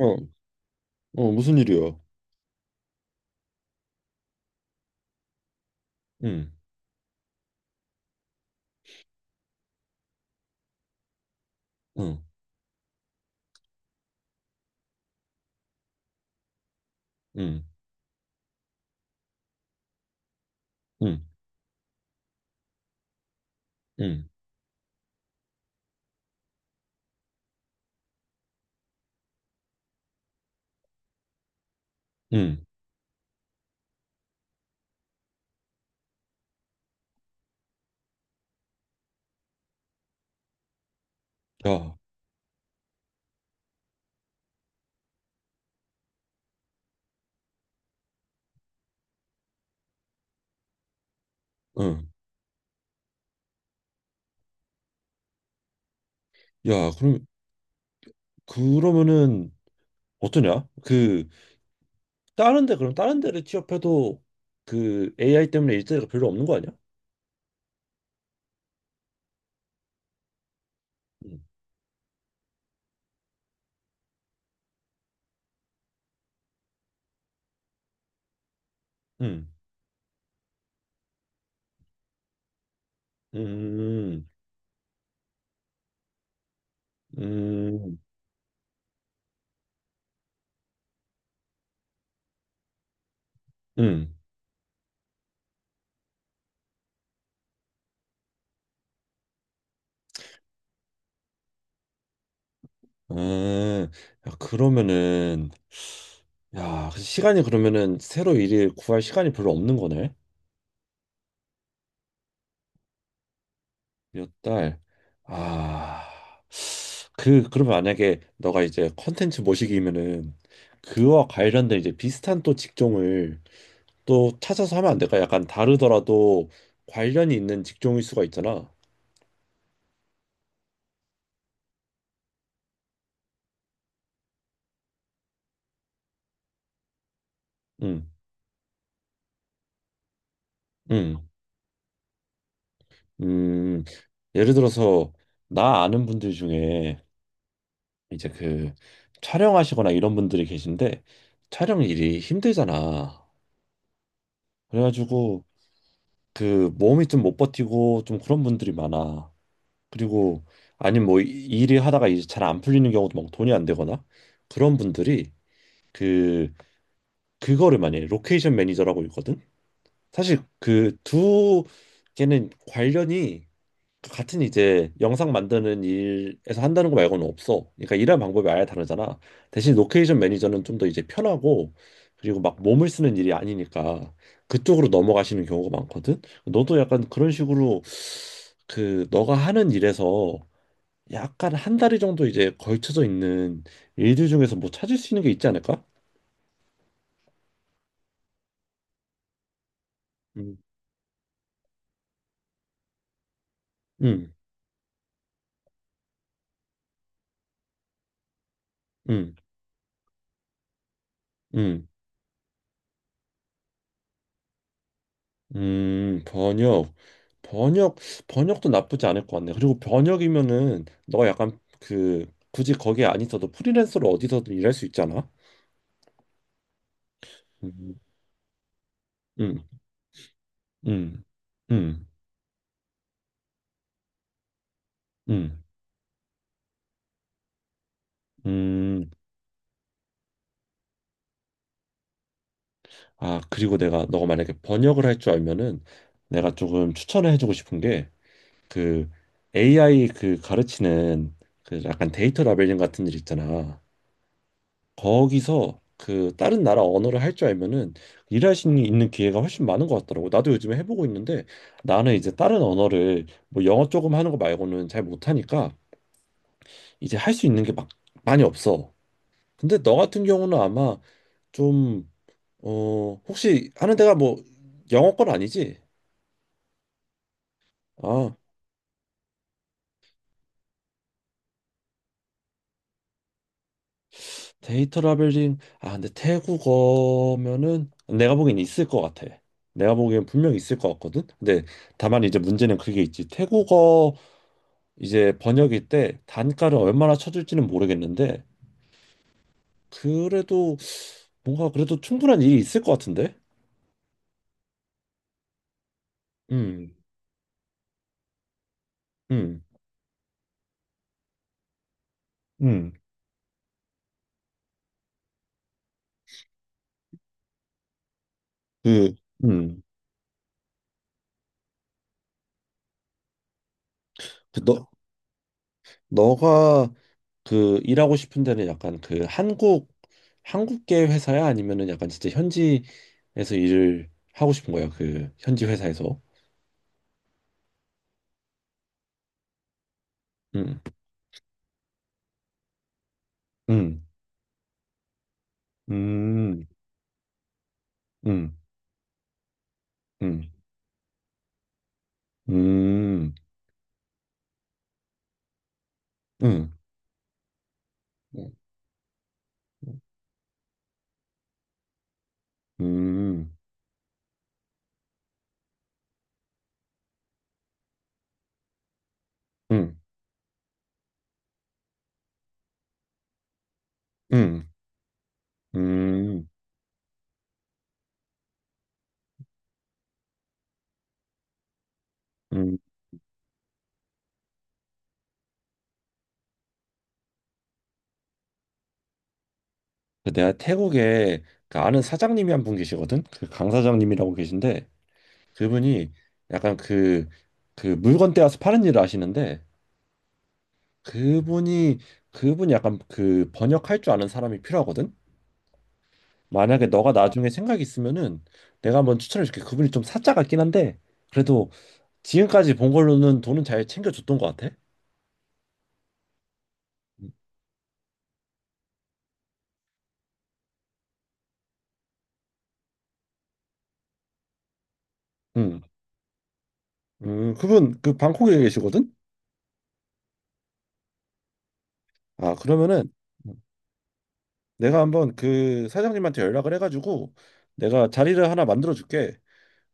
어, 어, 무슨 일이야? 응, 응, 응, 응, 응, 응, 야, 응, 야, 그럼, 그러면은, 어떠냐? 그, 다른 데, 그럼 다른 데를 취업해도 그 AI 때문에 일자리가 별로 없는 거 아니야? 응, 응, 음, 음, 음, 음, 야, 그러면은, 야, 그 시간이 그러면은 새로 일을 구할 시간이 별로 없는 거네? 몇 달. 아, 그, 그러면 만약에 너가 이제 컨텐츠 모시기면은 그와 관련된 이제 비슷한 또 직종을 또 찾아서 하면 안 될까? 약간 다르더라도 관련이 있는 직종일 수가 있잖아. 응, 응, 음. 예를 들어서 나 아는 분들 중에 이제 그 촬영하시거나 이런 분들이 계신데 촬영 일이 힘들잖아. 그래가지고 그 몸이 좀 못 버티고 좀 그런 분들이 많아. 그리고 아니면 뭐 일이 하다가 이제 잘 안 풀리는 경우도 막 돈이 안 되거나 그런 분들이 그 그거를 많이 해요. 로케이션 매니저라고 있거든. 사실 그 두 개는 관련이 같은 이제 영상 만드는 일에서 한다는 거 말고는 없어. 그러니까 일하는 방법이 아예 다르잖아. 대신 로케이션 매니저는 좀 더 이제 편하고 그리고 막 몸을 쓰는 일이 아니니까 그쪽으로 넘어가시는 경우가 많거든. 너도 약간 그런 식으로 그 너가 하는 일에서 약간 한 다리 정도 이제 걸쳐져 있는 일들 중에서 뭐 찾을 수 있는 게 있지 않을까? 음, 음, 음, 음, 번역, 번역, 번역도 나쁘지 않을 것 같네. 그리고 번역이면은 너 약간 그 굳이 거기에 안 있어도 프리랜서로 어디서든 일할 수 있잖아. 음, 음, 음, 음, 음, 음. 아, 그리고 내가 너가 만약에 번역을 할 줄 알면은 내가 조금 추천을 해주고 싶은 게 그 AI 그 가르치는 그 약간 데이터 라벨링 같은 일 있잖아. 거기서 그 다른 나라 언어를 할 줄 알면은 일할 수 있는 기회가 훨씬 많은 것 같더라고. 나도 요즘에 해보고 있는데 나는 이제 다른 언어를 뭐 영어 조금 하는 거 말고는 잘 못하니까 이제 할 수 있는 게 막 많이 없어. 근데 너 같은 경우는 아마 좀, 어, 혹시 하는 데가 뭐 영어권 아니지? 아, 데이터 라벨링, 아 근데 태국어면은 내가 보기엔 있을 것 같아. 내가 보기엔 분명 있을 것 같거든. 근데 다만 이제 문제는 그게 있지. 태국어 이제 번역일 때 단가를 얼마나 쳐줄지는 모르겠는데 그래도 뭔가 그래도 충분한 일이 있을 것 같은데. 음, 음, 음, 그, 음, 그 너, 너가 그 일하고 싶은 데는 약간 그 한국 한국계 회사야 아니면은 약간 진짜 현지에서 일을 하고 싶은 거야 그 현지 회사에서? 음, 음, 음, 음, 음, 음, 음, 음, 음, 음, 음, 음. 내가 태국에 그 아는 사장님이 한 분 계시거든. 그 강 사장님이라고 계신데 그분이 약간 그 그 물건 떼어서 파는 일을 하시는데 그분이 그분이 약간 그 번역할 줄 아는 사람이 필요하거든. 만약에 너가 나중에 생각 이 있으면은 내가 한번 추천해 줄게. 그분이 좀 사짜 같긴 한데 그래도 지금까지 본 걸로는 돈은 잘 챙겨줬던 것 같아. 음, 음, 그분 그 방콕에 계시거든. 아 그러면은 내가 한번 그 사장님한테 연락을 해가지고 내가 자리를 하나 만들어 줄게.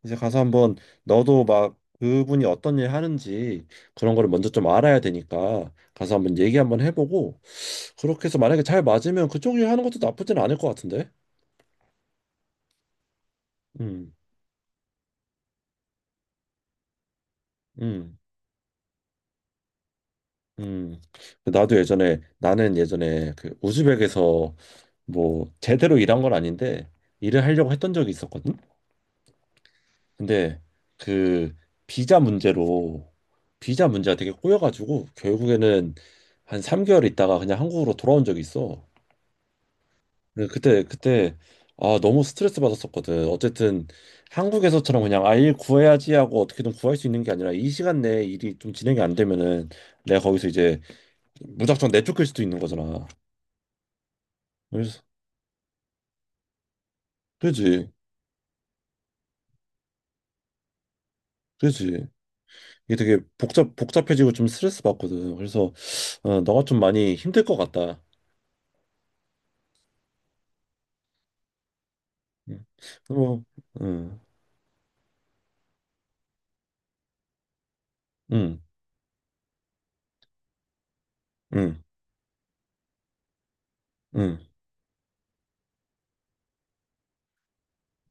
이제 가서 한번 너도 막 그분이 어떤 일 하는지 그런 거를 먼저 좀 알아야 되니까 가서 한번 얘기 한번 해보고. 그렇게 해서 만약에 잘 맞으면 그쪽 일 하는 것도 나쁘진 않을 것 같은데. 음, 음, 음. 나도 예전에 나는 예전에 그 우즈벡에서 뭐 제대로 일한 건 아닌데 일을 하려고 했던 적이 있었거든. 근데 그 비자 문제로 비자 문제가 되게 꼬여가지고 결국에는 한 3개월 있다가 그냥 한국으로 돌아온 적이 있어. 그때 아 너무 스트레스 받았었거든. 어쨌든 한국에서처럼 그냥 아 일 구해야지 하고 어떻게든 구할 수 있는 게 아니라 이 시간 내에 일이 좀 진행이 안 되면은 내가 거기서 이제 무작정 내쫓길 수도 있는 거잖아. 그래서 그지 그지 이게 되게 복잡 복잡해지고 좀 스트레스 받거든. 그래서 어, 너가 좀 많이 힘들 것 같다. 음, 뭐, 음, 음, 음, 음,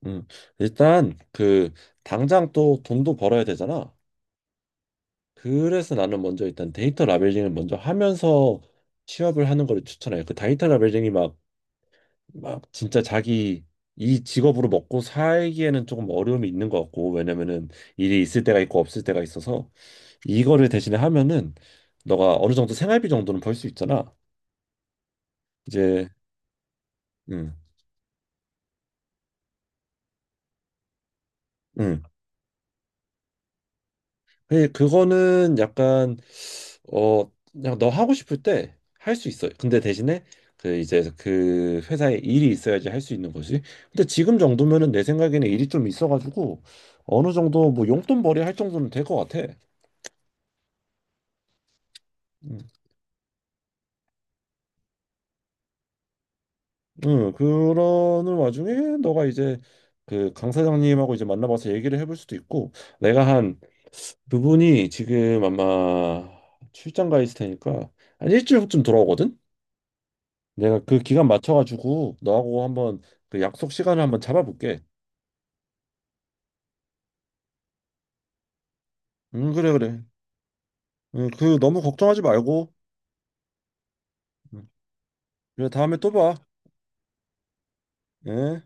음. 일단 그 당장 또 돈도 벌어야 되잖아. 그래서 나는 먼저 일단 데이터 라벨링을 먼저 하면서 취업을 하는 거를 추천해요. 그 데이터 라벨링이 막, 막 진짜 자기 이 직업으로 먹고 살기에는 조금 어려움이 있는 것 같고, 왜냐면은 일이 있을 때가 있고 없을 때가 있어서 이거를 대신에 하면은 너가 어느 정도 생활비 정도는 벌 수 있잖아. 이제, 음 음. 예, 그거는 약간 어 그냥 너 하고 싶을 때 할 수 있어요. 근데 대신에 그 이제 그 회사에 일이 있어야지 할 수 있는 거지. 근데 지금 정도면은 내 생각에는 일이 좀 있어가지고 어느 정도 뭐 용돈벌이 할 정도는 될 것 같아. 음, 그러는 와중에 너가 이제 그 강 사장님하고 이제 만나봐서 얘기를 해볼 수도 있고 내가 한 그분이 지금 아마 출장 가 있을 테니까 한 일주일 후쯤 돌아오거든. 내가 그 기간 맞춰가지고 너하고 한번 그 약속 시간을 한번 잡아볼게. 응, 그래, 그래. 응, 그 너무 걱정하지 말고. 응. 그래, 다음에 또 봐. 예.